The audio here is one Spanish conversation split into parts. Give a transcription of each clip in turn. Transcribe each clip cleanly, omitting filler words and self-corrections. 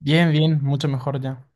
Bien, bien, mucho mejor ya.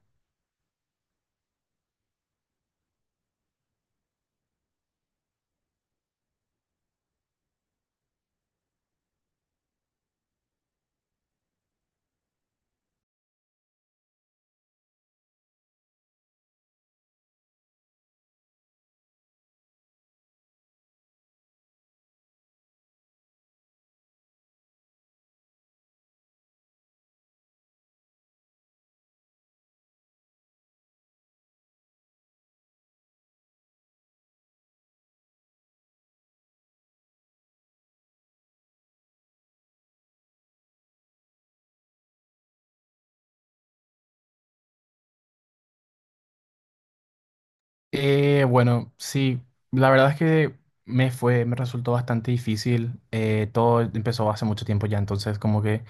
Bueno, sí, la verdad es que me resultó bastante difícil. Todo empezó hace mucho tiempo ya, entonces como que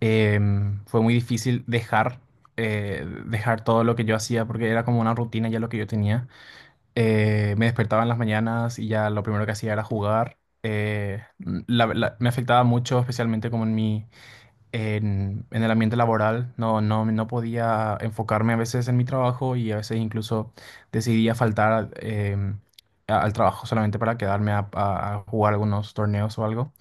fue muy difícil dejar, dejar todo lo que yo hacía porque era como una rutina ya lo que yo tenía. Me despertaba en las mañanas y ya lo primero que hacía era jugar. eh, Me afectaba mucho, especialmente como en en el ambiente laboral. No podía enfocarme a veces en mi trabajo y a veces incluso decidía faltar al trabajo solamente para quedarme a jugar algunos torneos o algo.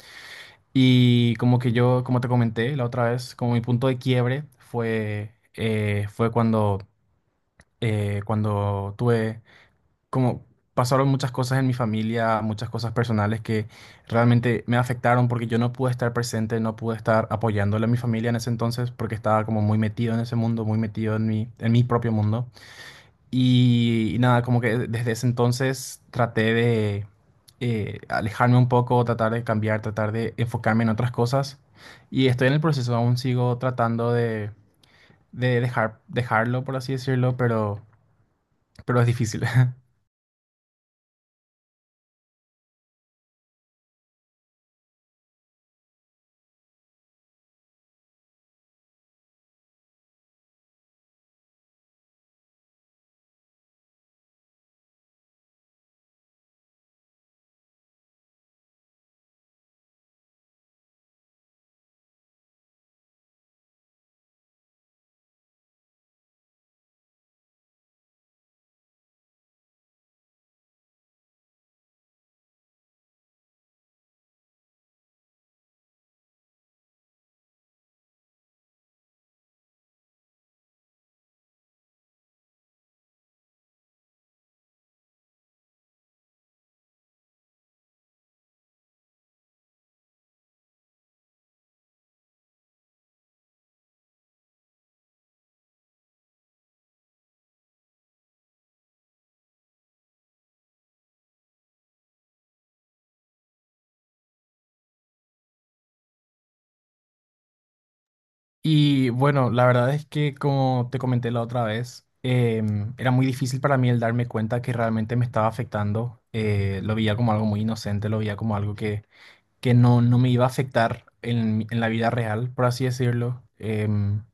Y como que yo, como te comenté la otra vez, como mi punto de quiebre fue, cuando tuve, como, pasaron muchas cosas en mi familia, muchas cosas personales que realmente me afectaron porque yo no pude estar presente, no pude estar apoyándole a mi familia en ese entonces porque estaba como muy metido en ese mundo, muy metido en en mi propio mundo. Y nada, como que desde ese entonces traté de alejarme un poco, tratar de cambiar, tratar de enfocarme en otras cosas. Y estoy en el proceso, aún sigo tratando de dejar, dejarlo, por así decirlo, pero es difícil. Y bueno, la verdad es que como te comenté la otra vez, era muy difícil para mí el darme cuenta que realmente me estaba afectando. Lo veía como algo muy inocente, lo veía como algo que, no me iba a afectar en la vida real, por así decirlo.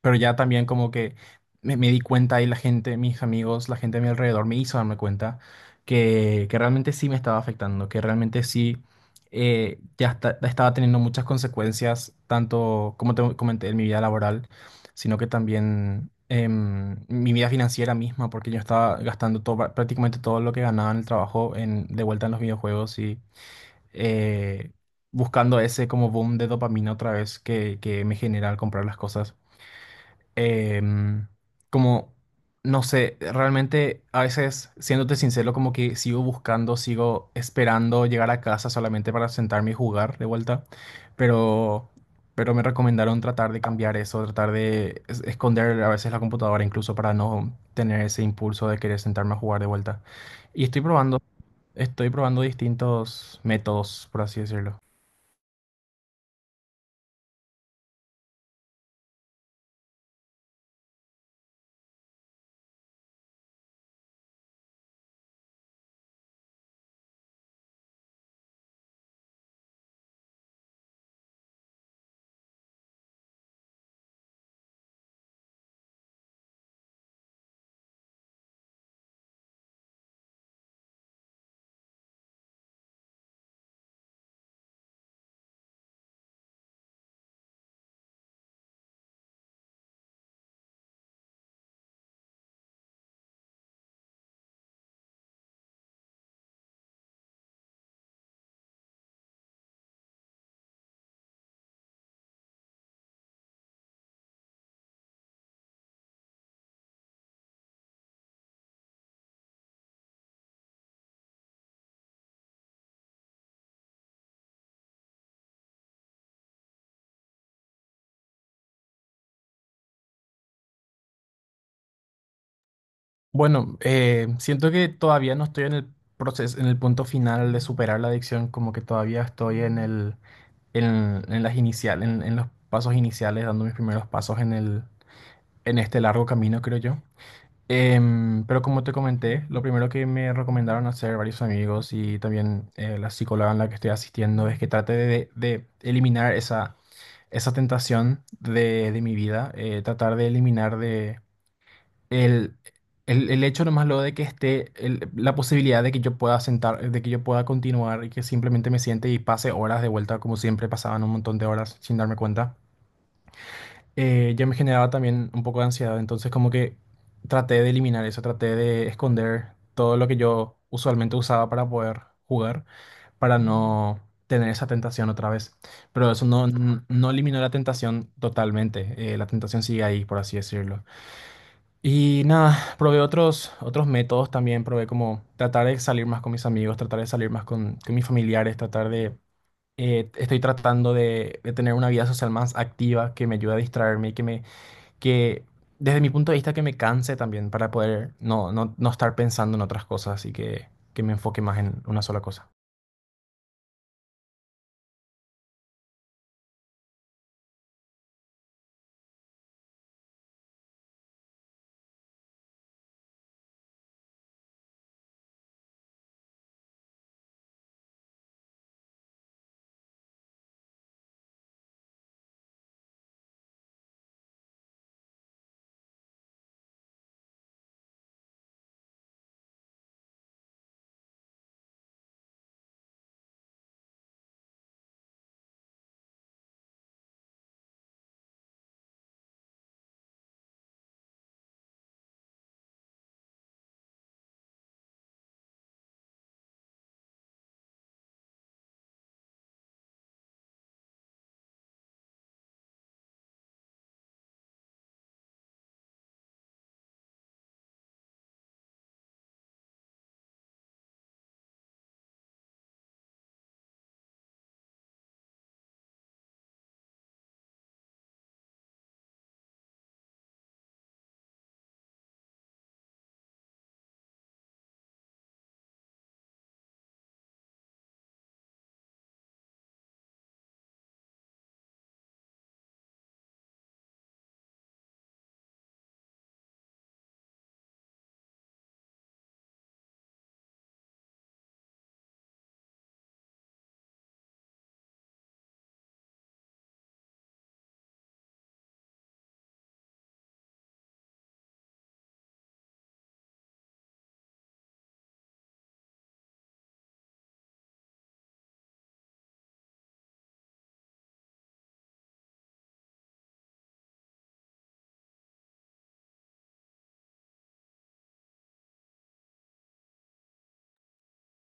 Pero ya también como que me di cuenta y la gente, mis amigos, la gente a mi alrededor me hizo darme cuenta que realmente sí me estaba afectando, que realmente sí ya estaba teniendo muchas consecuencias, tanto como te comenté en mi vida laboral, sino que también en mi vida financiera misma, porque yo estaba gastando todo, prácticamente todo lo que ganaba en el trabajo en, de vuelta en los videojuegos y eh, buscando ese como boom de dopamina otra vez que me genera al comprar las cosas, em, como, no sé, realmente a veces, siéndote sincero, como que sigo buscando, sigo esperando llegar a casa solamente para sentarme y jugar de vuelta, pero, pero me recomendaron tratar de cambiar eso, tratar de esconder a veces la computadora incluso para no tener ese impulso de querer sentarme a jugar de vuelta. Y estoy probando distintos métodos, por así decirlo. Bueno, siento que todavía no estoy en el proceso, en el punto final de superar la adicción, como que todavía estoy en en, en las inicial, en los pasos iniciales, dando mis primeros pasos en en este largo camino, creo yo. Pero como te comenté, lo primero que me recomendaron hacer varios amigos y también la psicóloga en la que estoy asistiendo es que trate de eliminar esa, esa tentación de mi vida, tratar de eliminar el, el hecho nomás lo de que esté la posibilidad de que yo pueda sentar, de que yo pueda continuar y que simplemente me siente y pase horas de vuelta como siempre pasaban un montón de horas sin darme cuenta, ya me generaba también un poco de ansiedad. Entonces como que traté de eliminar eso, traté de esconder todo lo que yo usualmente usaba para poder jugar, para no tener esa tentación otra vez. Pero eso no eliminó la tentación totalmente. La tentación sigue ahí, por así decirlo. Y nada, probé otros, otros métodos también, probé como tratar de salir más con mis amigos, tratar de salir más con mis familiares, tratar de... Estoy tratando de tener una vida social más activa que me ayude a distraerme y que me... que desde mi punto de vista que me canse también para poder no estar pensando en otras cosas y que me enfoque más en una sola cosa.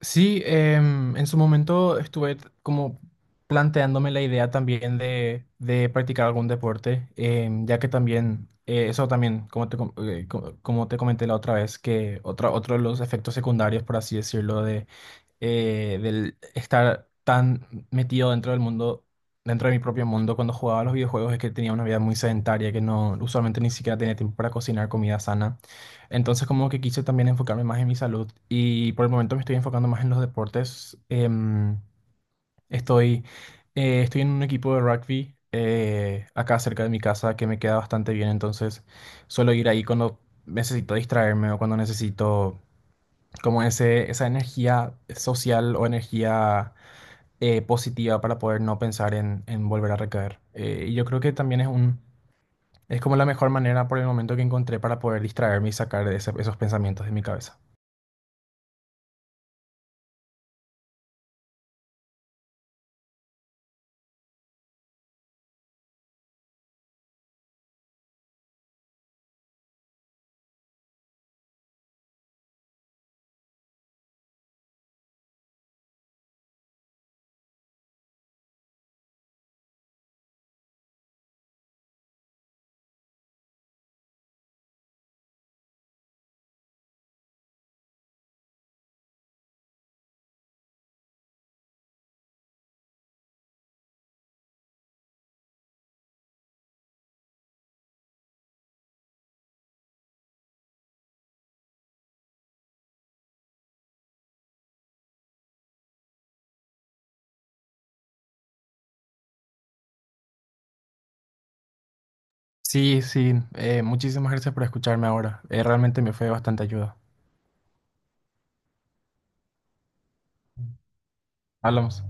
Sí, en su momento estuve como planteándome la idea también de practicar algún deporte, ya que también, eso también, como te comenté la otra vez, que otro de los efectos secundarios, por así decirlo, de, del estar tan metido dentro del mundo, dentro de mi propio mundo cuando jugaba a los videojuegos, es que tenía una vida muy sedentaria, que no, usualmente ni siquiera tenía tiempo para cocinar comida sana. Entonces como que quise también enfocarme más en mi salud y por el momento me estoy enfocando más en los deportes. Estoy, Estoy en un equipo de rugby acá cerca de mi casa que me queda bastante bien, entonces suelo ir ahí cuando necesito distraerme o cuando necesito como esa energía social o energía positiva para poder no pensar en volver a recaer. Y yo creo que también es como la mejor manera por el momento que encontré para poder distraerme y sacar esos pensamientos de mi cabeza. Sí, sí, muchísimas gracias por escucharme ahora. Realmente me fue de bastante ayuda. Hablamos.